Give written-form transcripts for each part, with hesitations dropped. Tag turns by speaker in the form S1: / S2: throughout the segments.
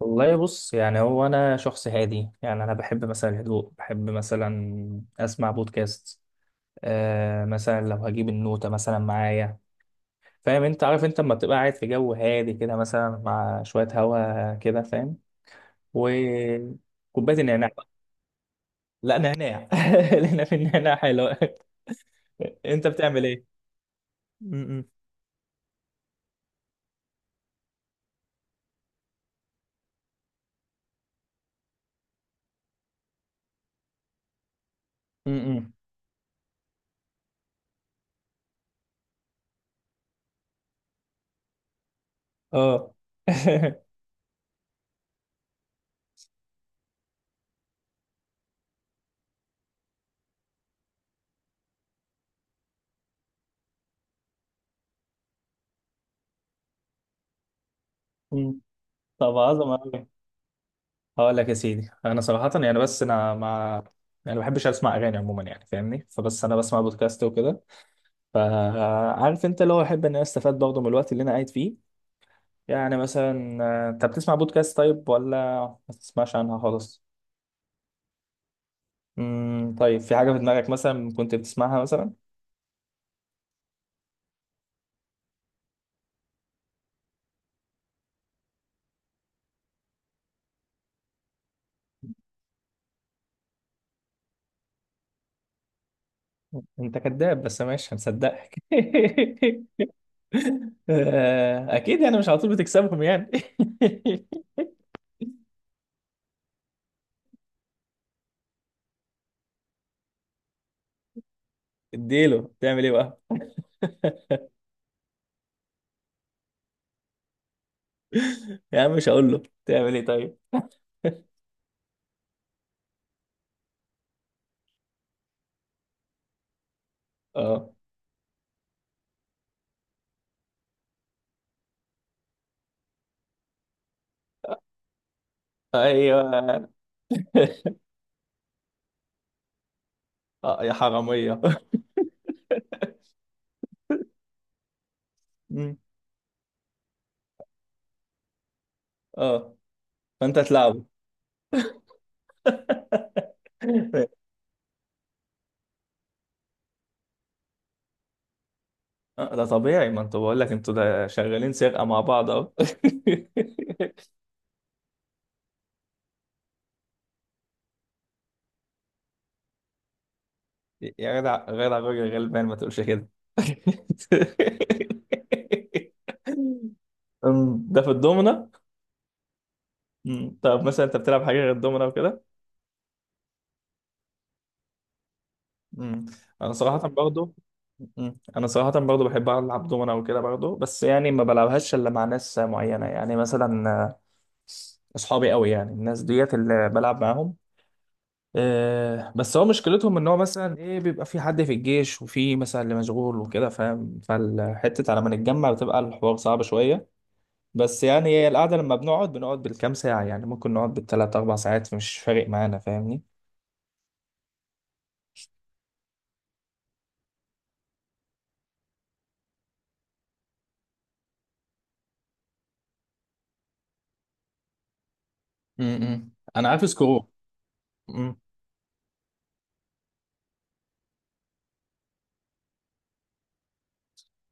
S1: والله، بص يعني هو انا شخص هادي، يعني انا بحب مثلا الهدوء، بحب مثلا اسمع بودكاست. مثلا لو هجيب النوتة مثلا معايا، فاهم؟ انت عارف، انت لما تبقى قاعد في جو هادي كده، مثلا مع شوية هوا كده، فاهم؟ وكوباية النعناع بقى. لا، نعناع لأن في النعناع حلو انت بتعمل ايه؟ م- م. م- م. اه. م. طب عظمة أوي. هقول لك يا سيدي، انا صراحه يعني، بس انا ما، يعني ما بحبش اسمع اغاني عموما، يعني فاهمني. فبس انا بسمع بودكاست وكده. فعارف انت اللي هو احب ان انا استفاد برضه من الوقت اللي انا قاعد فيه. يعني مثلا انت بتسمع بودكاست طيب ولا ما بتسمعش عنها خالص؟ طيب، في حاجه في دماغك مثلا كنت بتسمعها مثلا؟ انت كذاب، بس ماشي هنصدقك. آه، اكيد يعني، مش على طول بتكسبهم يعني. اديله تعمل ايه بقى. يا عم مش هقول له تعمل ايه طيب. اه. ايوه. اه يا حراميه. مم. اه. فانت تلعبه. آه، ده طبيعي، ما انتوا، بقول لك انتوا ده شغالين سرقه مع بعض اهو. يا جدع جدع، راجل غلبان، ما تقولش كده. ده في الدومنة. طب مثلا انت بتلعب حاجه غير الدومنة وكده؟ مم. انا صراحه برضه انا صراحه برضه بحب العب دومنا وكده برضه، بس يعني ما بلعبهاش الا مع ناس معينه، يعني مثلا اصحابي قوي، يعني الناس ديت اللي بلعب معاهم. بس هو مشكلتهم ان هو مثلا ايه، بيبقى في حد في الجيش، وفي مثلا اللي مشغول وكده، فاهم؟ فالحته على ما نتجمع بتبقى الحوار صعب شويه. بس يعني هي القعده لما بنقعد بنقعد بالكام ساعه، يعني ممكن نقعد بالثلاث اربع ساعات، مش فارق معانا، فاهمني؟ م- م. انا عارف سكرو.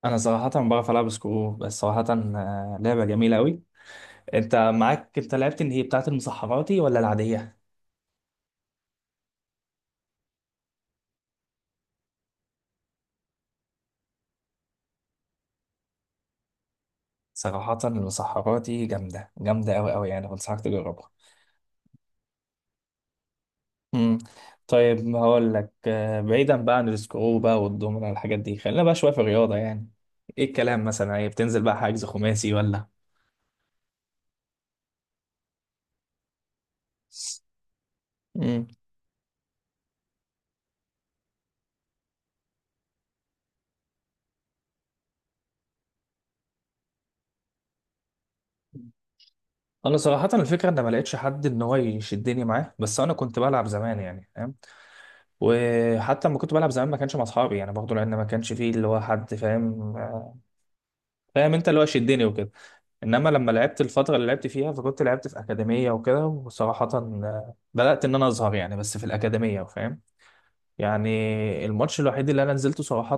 S1: انا صراحه بعرف العب سكرو، بس صراحه لعبه جميله قوي. انت معاك، انت لعبت اللي هي بتاعه المسحراتي ولا العاديه؟ صراحه المسحراتي جامده جامده قوي قوي، يعني بنصحك تجربها. امم طيب هقول لك، بعيدا بقى عن السكرو بقى والدومنة والحاجات دي، خلينا بقى شويه في الرياضه يعني. ايه الكلام، مثلا ايه، بتنزل بقى حجز خماسي ولا؟ امم انا صراحه الفكره ان ما لقيتش حد ان هو يشدني معاه، بس انا كنت بلعب زمان يعني، فاهم؟ وحتى لما كنت بلعب زمان ما كانش مع اصحابي يعني برضه، لان ما كانش فيه اللي هو حد، فاهم؟ فاهم انت اللي هو شدني وكده. انما لما لعبت الفتره اللي لعبت فيها، فكنت لعبت في اكاديميه وكده، وصراحه بدات ان انا اظهر يعني، بس في الاكاديميه، فاهم يعني. الماتش الوحيد اللي انا نزلته صراحه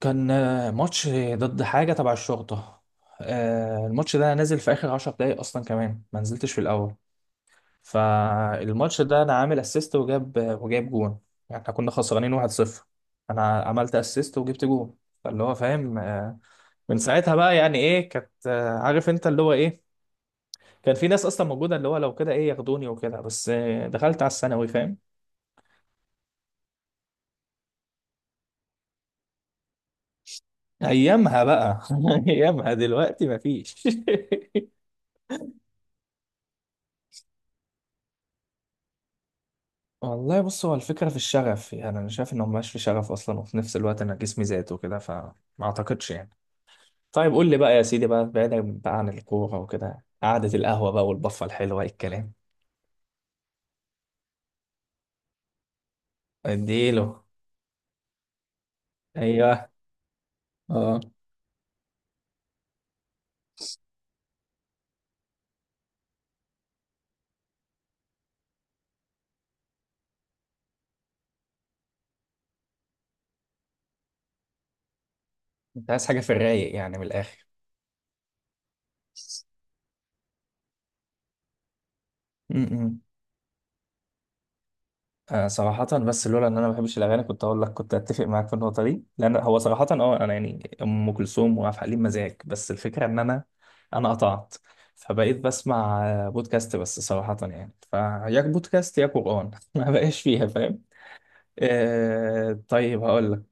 S1: كان ماتش ضد حاجه تبع الشرطه. الماتش ده أنا نازل في اخر 10 دقايق اصلا، كمان ما نزلتش في الاول. فالماتش ده انا عامل اسيست وجاب وجايب جون، يعني احنا كنا خسرانين 1-0، انا عملت اسيست وجبت جون. فاللي هو فاهم، من ساعتها بقى يعني ايه، كانت عارف انت اللي هو ايه، كان في ناس اصلا موجوده اللي هو لو كده ايه ياخدوني وكده، بس دخلت على الثانوي، فاهم؟ ايامها بقى. ايامها دلوقتي مفيش. والله بص، هو الفكره في الشغف، يعني انا شايف انه مبقاش في شغف اصلا، وفي نفس الوقت انا جسمي زاد وكده، فما اعتقدش يعني. طيب قول لي بقى يا سيدي بقى، بعيدا بقى عن الكورة وكده، قعدة القهوة بقى والبفة الحلوة، إيه الكلام؟ اديله. ايوه. اه. انت عايز حاجة في الرايق يعني، من الآخر؟ امم آه صراحة، بس لولا ان انا ما بحبش الاغاني كنت اقول لك كنت اتفق معاك في النقطة دي، لان هو صراحة اه، انا يعني ام كلثوم وعبد الحليم مزاج، بس الفكرة ان انا، انا قطعت. فبقيت بسمع بودكاست، بس صراحة يعني فيا بودكاست يا قرآن ما بقاش فيها فاهم. طيب هقول لك.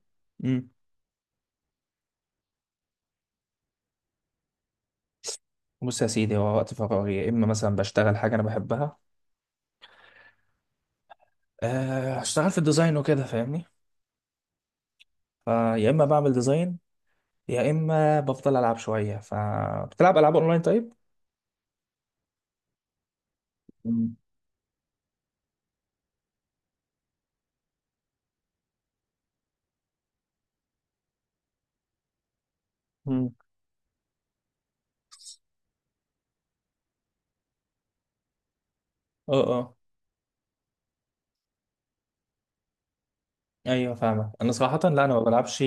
S1: بص يا سيدي، هو وقت فراغي يا اما مثلا بشتغل حاجه انا بحبها. أه اشتغل في الديزاين وكده، فاهمني. فيا اما بعمل ديزاين، يا اما بفضل العب شويه فبتلعب العاب اونلاين طيب. مم. مم. اه. اه. ايوه فاهمك. انا صراحه لا، انا ما بلعبش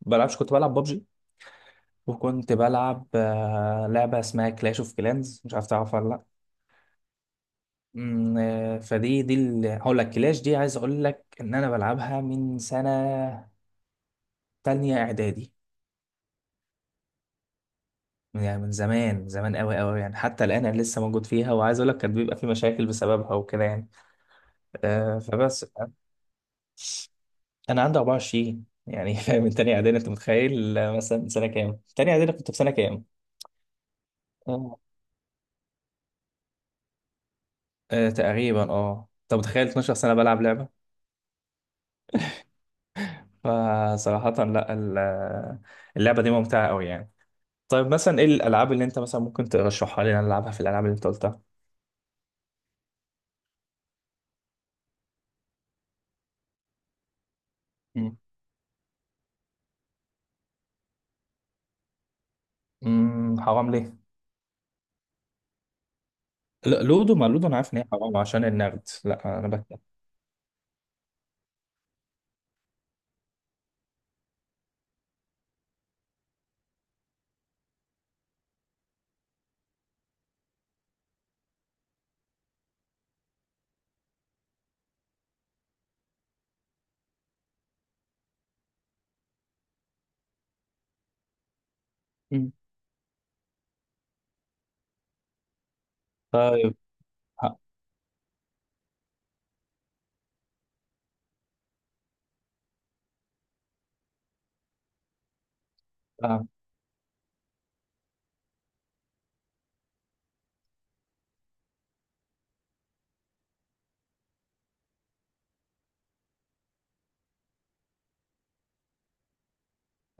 S1: بلعبش كنت بلعب ببجي. وكنت بلعب لعبه اسمها كلاش اوف كلانز، مش عارف تعرفها ولا لا؟ فدي دي هقول لك، كلاش دي عايز اقول لك ان انا بلعبها من سنه تانية اعدادي، يعني من زمان زمان قوي قوي، يعني حتى الآن أنا لسه موجود فيها، وعايز أقول لك كان بيبقى في مشاكل بسببها وكده يعني. فبس أنا عندي 24 يعني. فاهم؟ من تانية إعدادي أنت متخيل، مثلا سنة كام؟ تانية إعدادي كنت في سنة كام؟ آه. تقريبا، أه أنت متخيل 12 سنة بلعب لعبة؟ فصراحة لا، اللعبة دي ممتعة قوي يعني. طيب مثلا إيه الألعاب اللي أنت مثلا ممكن ترشحها لي إن أنا ألعبها في الألعاب اللي أنت قلتها؟ مم. مم، حرام ليه؟ لا لودو، ما لودو أنا عارف إن هي حرام عشان النقد، لا أنا بكتب. طيب. ه- أه.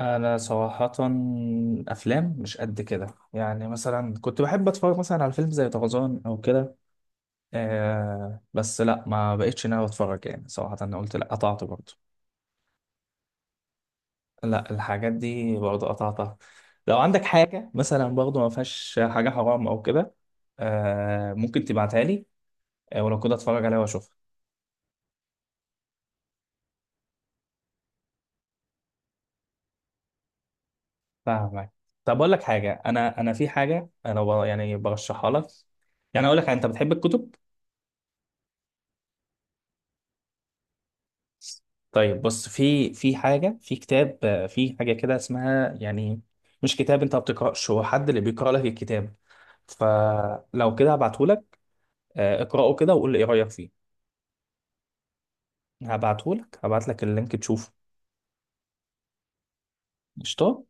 S1: انا صراحة افلام مش قد كده، يعني مثلا كنت بحب اتفرج مثلا على فيلم زي طرزان او كده. بس لا، ما بقتش ناوي اتفرج يعني صراحة، انا قلت لا، قطعت برضه. لا الحاجات دي برضه قطعتها. لو عندك حاجة مثلا برضه ما فيهاش حاجة حرام او كده، ممكن تبعتها لي، ولو كده اتفرج عليها واشوفها. فاهمك. طب اقول لك حاجة، انا في حاجة انا يعني برشحها لك، يعني اقول لك، انت بتحب الكتب؟ طيب بص، في حاجة، في كتاب في حاجة كده اسمها يعني، مش كتاب، انت ما بتقرأش، هو حد اللي بيقرأ لك الكتاب. فلو كده هبعته لك، اقرأه كده وقول لي ايه رأيك فيه. هبعته لك، هبعت لك اللينك تشوفه. قشطة.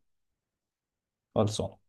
S1: خلصان.